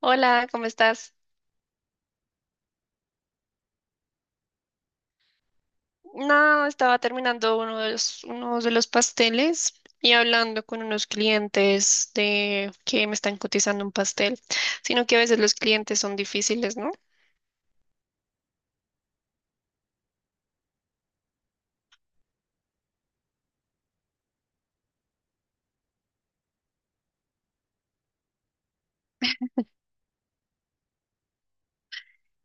Hola, ¿cómo estás? No, estaba terminando unos de los pasteles y hablando con unos clientes de que me están cotizando un pastel, sino que a veces los clientes son difíciles, ¿no?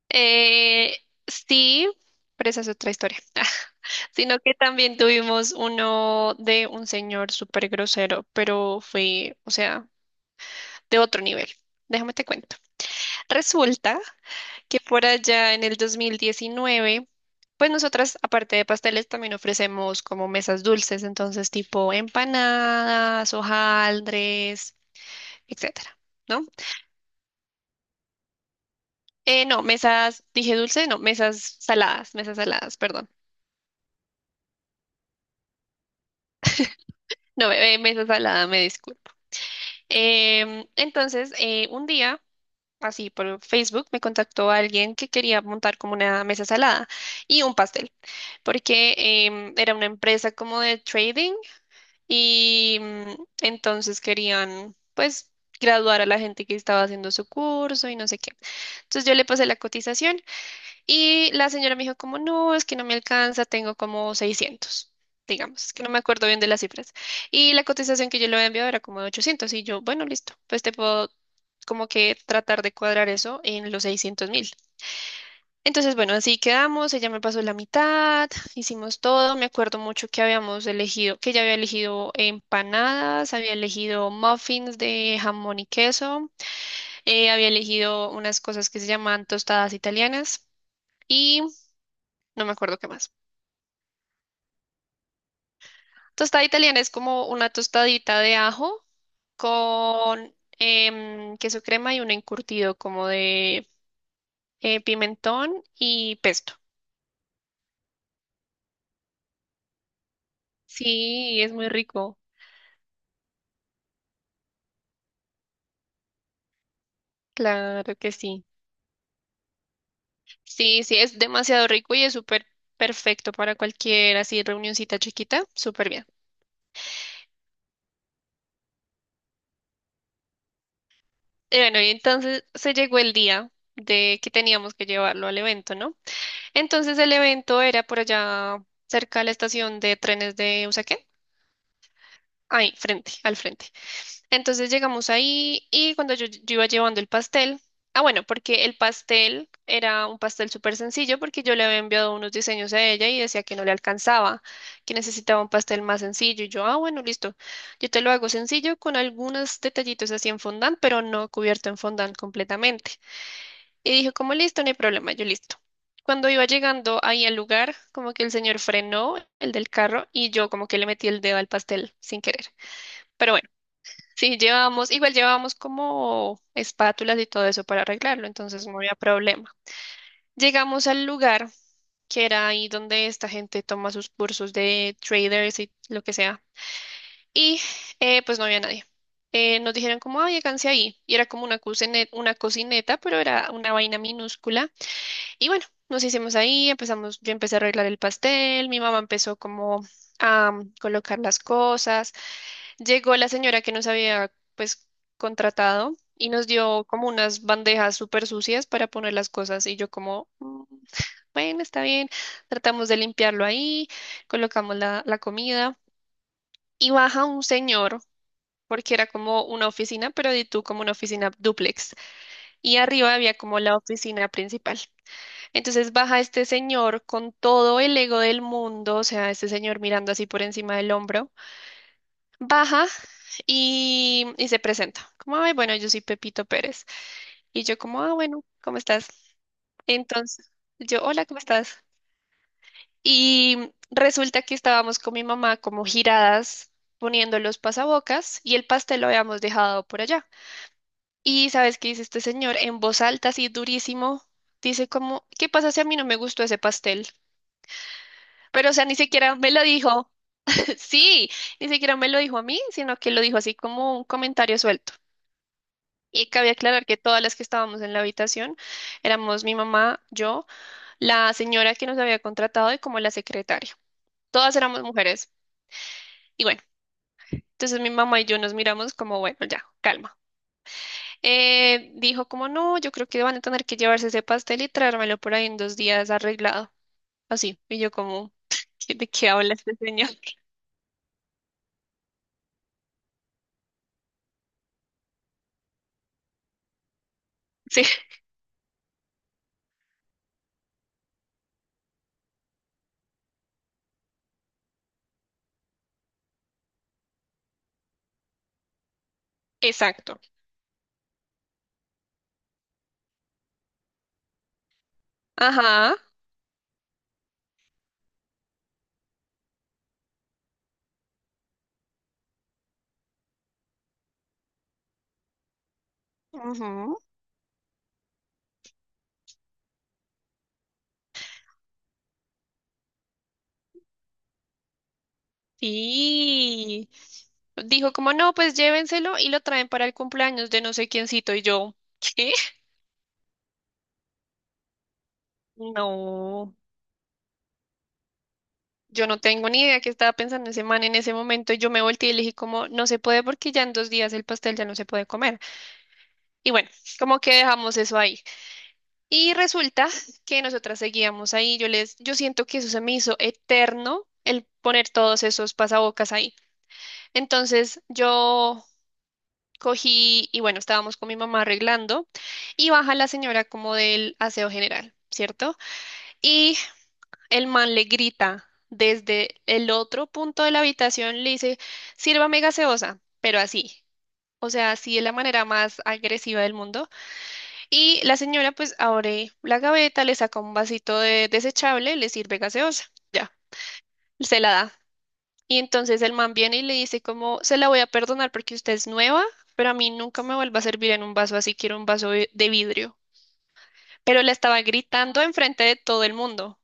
Eh, sí, pero esa es otra historia. Sino que también tuvimos uno de un señor súper grosero, pero fue, o sea, de otro nivel. Déjame te cuento. Resulta que por allá en el 2019, pues nosotras, aparte de pasteles, también ofrecemos como mesas dulces, entonces tipo empanadas, hojaldres, etcétera, ¿no? No, mesas, dije dulce, no, mesas saladas, perdón. No, mesa salada, me disculpo. Entonces, un día, así por Facebook, me contactó alguien que quería montar como una mesa salada y un pastel, porque era una empresa como de trading y entonces querían, pues, graduar a la gente que estaba haciendo su curso y no sé qué. Entonces yo le pasé la cotización y la señora me dijo como, no, es que no me alcanza, tengo como 600, digamos, es que no me acuerdo bien de las cifras. Y la cotización que yo le había enviado era como de 800 y yo, bueno, listo, pues te puedo como que tratar de cuadrar eso en los 600.000. Entonces, bueno, así quedamos, ella me pasó la mitad, hicimos todo, me acuerdo mucho que habíamos elegido, que ella había elegido empanadas, había elegido muffins de jamón y queso, había elegido unas cosas que se llaman tostadas italianas y no me acuerdo qué más. Tostada italiana es como una tostadita de ajo con queso crema y un encurtido como de pimentón y pesto. Sí, es muy rico. Claro que sí. Sí, sí, es demasiado rico y es súper perfecto para cualquier así reunioncita chiquita, súper bien. Y bueno, y entonces se llegó el día de que teníamos que llevarlo al evento, ¿no? Entonces el evento era por allá cerca de la estación de trenes de Usaquén, ahí, frente, al frente. Entonces llegamos ahí y cuando yo iba llevando el pastel, ah, bueno, porque el pastel era un pastel súper sencillo porque yo le había enviado unos diseños a ella y decía que no le alcanzaba, que necesitaba un pastel más sencillo y yo, ah, bueno, listo, yo te lo hago sencillo con algunos detallitos así en fondant, pero no cubierto en fondant completamente. Y dijo, como listo, no hay problema, yo listo. Cuando iba llegando ahí al lugar, como que el señor frenó el del carro y yo como que le metí el dedo al pastel sin querer. Pero bueno. Sí, llevamos, igual llevamos como espátulas y todo eso para arreglarlo, entonces no había problema. Llegamos al lugar que era ahí donde esta gente toma sus cursos de traders y lo que sea. Y pues no había nadie. Nos dijeron como, ay, háganse ahí. Y era como una una cocineta, pero era una vaina minúscula. Y bueno, nos hicimos ahí, empezamos, yo empecé a arreglar el pastel, mi mamá empezó como a colocar las cosas. Llegó la señora que nos había pues contratado y nos dio como unas bandejas súper sucias para poner las cosas y yo como, "Mm, bueno, está bien, tratamos de limpiarlo ahí, colocamos la comida y baja un señor porque era como una oficina, pero de tú como una oficina dúplex y arriba había como la oficina principal. Entonces baja este señor con todo el ego del mundo, o sea, este señor mirando así por encima del hombro baja y se presenta. Como, ay, bueno, yo soy Pepito Pérez. Y yo como, ah, bueno, ¿cómo estás? Entonces, yo, hola, ¿cómo estás? Y resulta que estábamos con mi mamá como giradas poniendo los pasabocas y el pastel lo habíamos dejado por allá. Y ¿sabes qué dice este señor? En voz alta, así durísimo, dice como, ¿qué pasa si a mí no me gustó ese pastel? Pero, o sea, ni siquiera me lo dijo, sí, ni siquiera me lo dijo a mí, sino que lo dijo así como un comentario suelto. Y cabe aclarar que todas las que estábamos en la habitación éramos mi mamá, yo, la señora que nos había contratado y como la secretaria. Todas éramos mujeres. Y bueno, entonces mi mamá y yo nos miramos como, bueno, ya, calma. Dijo como, no, yo creo que van a tener que llevarse ese pastel y traérmelo por ahí en 2 días arreglado. Así. Y yo como, ¿De qué habla este señor? Sí, exacto. Ajá. Ujú. Sí. Dijo como, no, pues llévenselo y lo traen para el cumpleaños de no sé quiéncito. Y yo, ¿qué? No, yo no tengo ni idea qué estaba pensando ese man en ese momento. Y yo me volteé y le dije como, no se puede porque ya en 2 días el pastel ya no se puede comer. Y bueno, como que dejamos eso ahí. Y resulta que nosotras seguíamos ahí. Yo siento que eso se me hizo eterno, el poner todos esos pasabocas ahí. Entonces yo cogí y bueno, estábamos con mi mamá arreglando y baja la señora como del aseo general, ¿cierto? Y el man le grita desde el otro punto de la habitación, le dice, sírvame gaseosa, pero así. O sea, así de la manera más agresiva del mundo. Y la señora pues abre la gaveta, le saca un vasito de desechable, le sirve gaseosa. Ya, se la da. Y entonces el man viene y le dice como, se la voy a perdonar porque usted es nueva, pero a mí nunca me vuelva a servir en un vaso así, quiero un vaso de vidrio. Pero le estaba gritando enfrente de todo el mundo.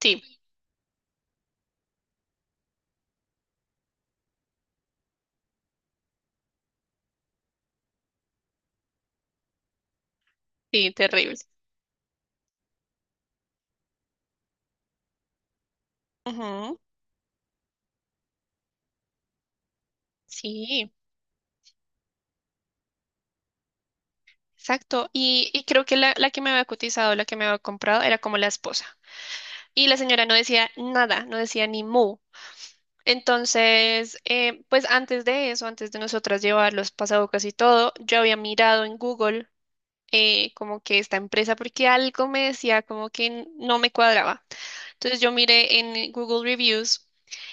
Sí, sí, terrible. Ujú. Sí, exacto. Y creo que la que me había cotizado, la que me había comprado, era como la esposa. Y la señora no decía nada, no decía ni mu. Entonces, pues antes de eso, antes de nosotras llevar los pasabocas y todo, yo había mirado en Google como que esta empresa porque algo me decía como que no me cuadraba. Entonces yo miré en Google Reviews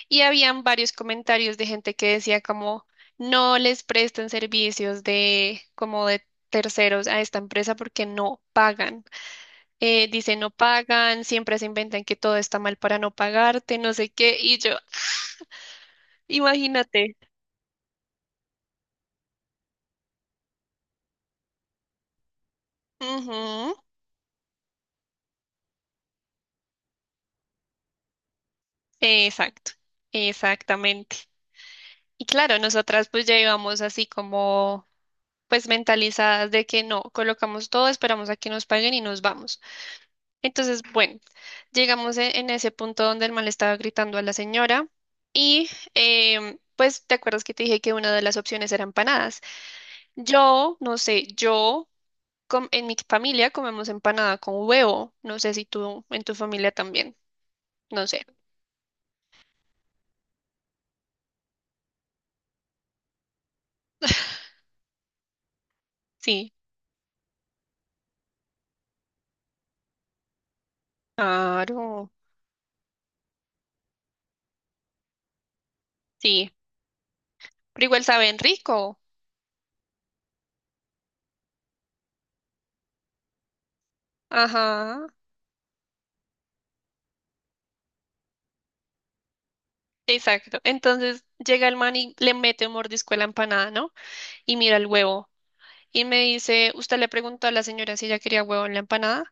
y habían varios comentarios de gente que decía como no les prestan servicios de como de terceros a esta empresa porque no pagan. Dice no pagan, siempre se inventan que todo está mal para no pagarte, no sé qué, y yo, imagínate. Ujú. Exacto, exactamente. Y claro, nosotras pues ya íbamos así como pues mentalizadas de que no, colocamos todo, esperamos a que nos paguen y nos vamos. Entonces, bueno, llegamos en ese punto donde el man le estaba gritando a la señora y pues te acuerdas que te dije que una de las opciones era empanadas. Yo, no sé, en mi familia comemos empanada con huevo, no sé si tú en tu familia también, no sé, sí, claro, sí, pero igual saben rico, ajá. Exacto. Entonces llega el man y le mete un mordisco a la empanada, ¿no? Y mira el huevo. Y me dice, usted le preguntó a la señora si ella quería huevo en la empanada.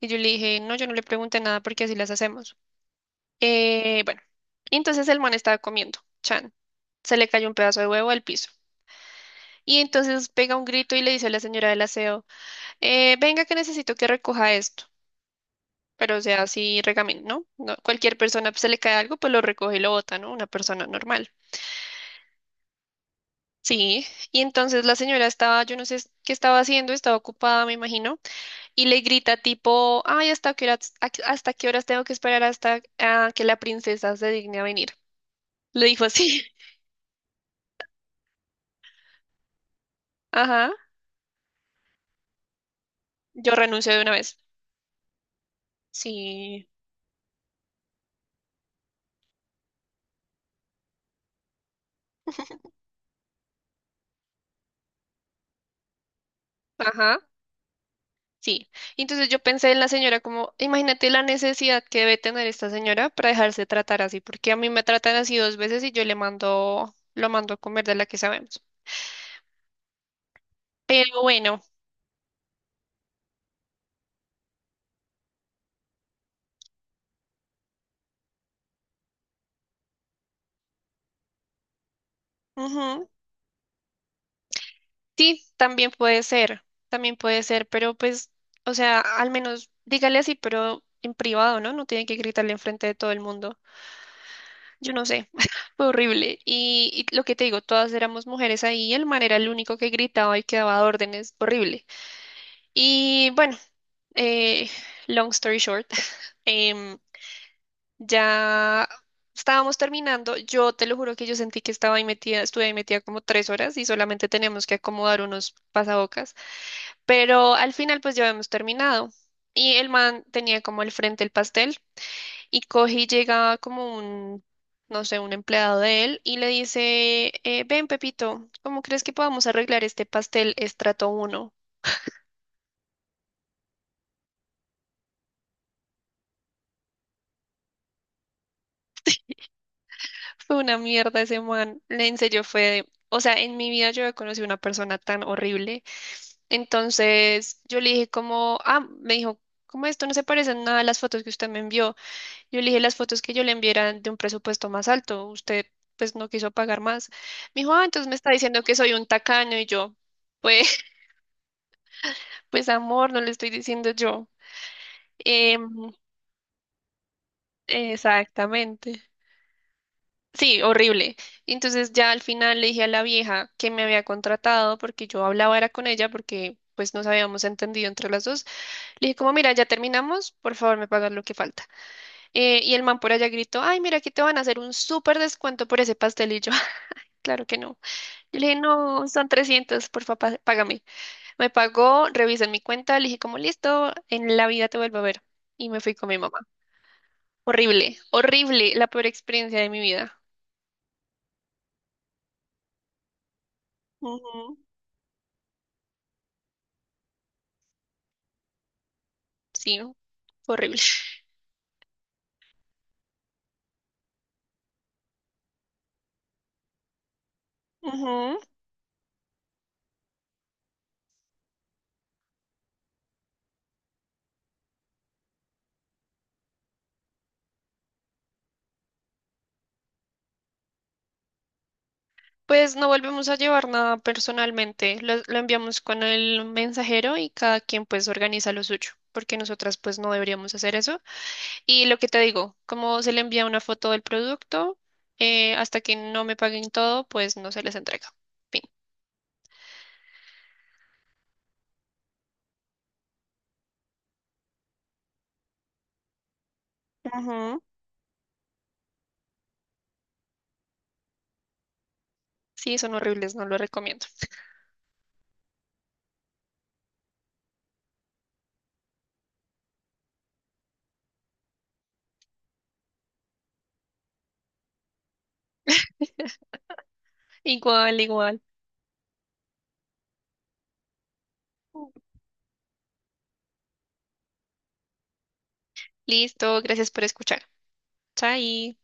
Y yo le dije, no, yo no le pregunté nada porque así las hacemos. Bueno, y entonces el man estaba comiendo, Chan. Se le cayó un pedazo de huevo al piso. Y entonces pega un grito y le dice a la señora del aseo, venga que necesito que recoja esto. Pero o sea, así regamen, ¿no? No, cualquier persona pues, se le cae algo, pues lo recoge y lo bota, ¿no? Una persona normal. Sí, y entonces la señora estaba, yo no sé qué estaba haciendo, estaba ocupada, me imagino y le grita tipo, ay, ¿hasta qué horas, hasta qué horas tengo que esperar hasta que la princesa se digne a venir? Le dijo así, ajá, yo renuncio de una vez. Sí, ajá, sí. Entonces yo pensé en la señora como, imagínate la necesidad que debe tener esta señora para dejarse tratar así, porque a mí me tratan así dos veces y yo le mando, lo mando a comer de la que sabemos. Pero bueno, ujú, sí, también puede ser, pero pues, o sea, al menos dígale así, pero en privado, ¿no? No tiene que gritarle enfrente de todo el mundo. Yo no sé, fue horrible. Y lo que te digo, todas éramos mujeres ahí, y el man era el único que gritaba y que daba órdenes, horrible. Y bueno, eh, long story short, em, ya estábamos terminando, yo te lo juro que yo sentí que estaba ahí metida, estuve ahí metida como 3 horas y solamente tenemos que acomodar unos pasabocas. Pero al final pues ya habíamos terminado. Y el man tenía como el frente el pastel y coge y llega como un, no sé, un empleado de él y le dice, ven Pepito, ¿cómo crees que podamos arreglar este pastel estrato uno? Fue una mierda ese man. En serio fue, o sea, en mi vida yo he conocido una persona tan horrible. Entonces yo le dije como, ah, me dijo, ¿cómo esto no se parece en nada a las fotos que usted me envió? Yo le dije las fotos que yo le enviara de un presupuesto más alto. Usted pues no quiso pagar más. Me dijo, ah, entonces me está diciendo que soy un tacaño y yo, pues, pues amor, no le estoy diciendo yo. Em, Exactamente. Sí, horrible. Entonces ya al final le dije a la vieja que me había contratado porque yo hablaba era con ella porque pues nos habíamos entendido entre las dos. Le dije como, mira, ya terminamos, por favor me pagas lo que falta. Y el man por allá gritó, ay, mira, aquí te van a hacer un súper descuento por ese pastelillo. Claro que no. Yo le dije, no, son 300 por favor, págame. Me pagó, revisó en mi cuenta, le dije, como listo, en la vida te vuelvo a ver. Y me fui con mi mamá. Horrible, horrible, la peor experiencia de mi vida. Ujú. Sí, fue horrible. Ujú. Pues no volvemos a llevar nada personalmente, lo enviamos con el mensajero y cada quien pues organiza lo suyo, porque nosotras pues no deberíamos hacer eso. Y lo que te digo, como se le envía una foto del producto, hasta que no me paguen todo, pues no se les entrega. Fin. Ujú. Sí, son horribles, no lo recomiendo. Igual, igual. Listo, gracias por escuchar. Chai.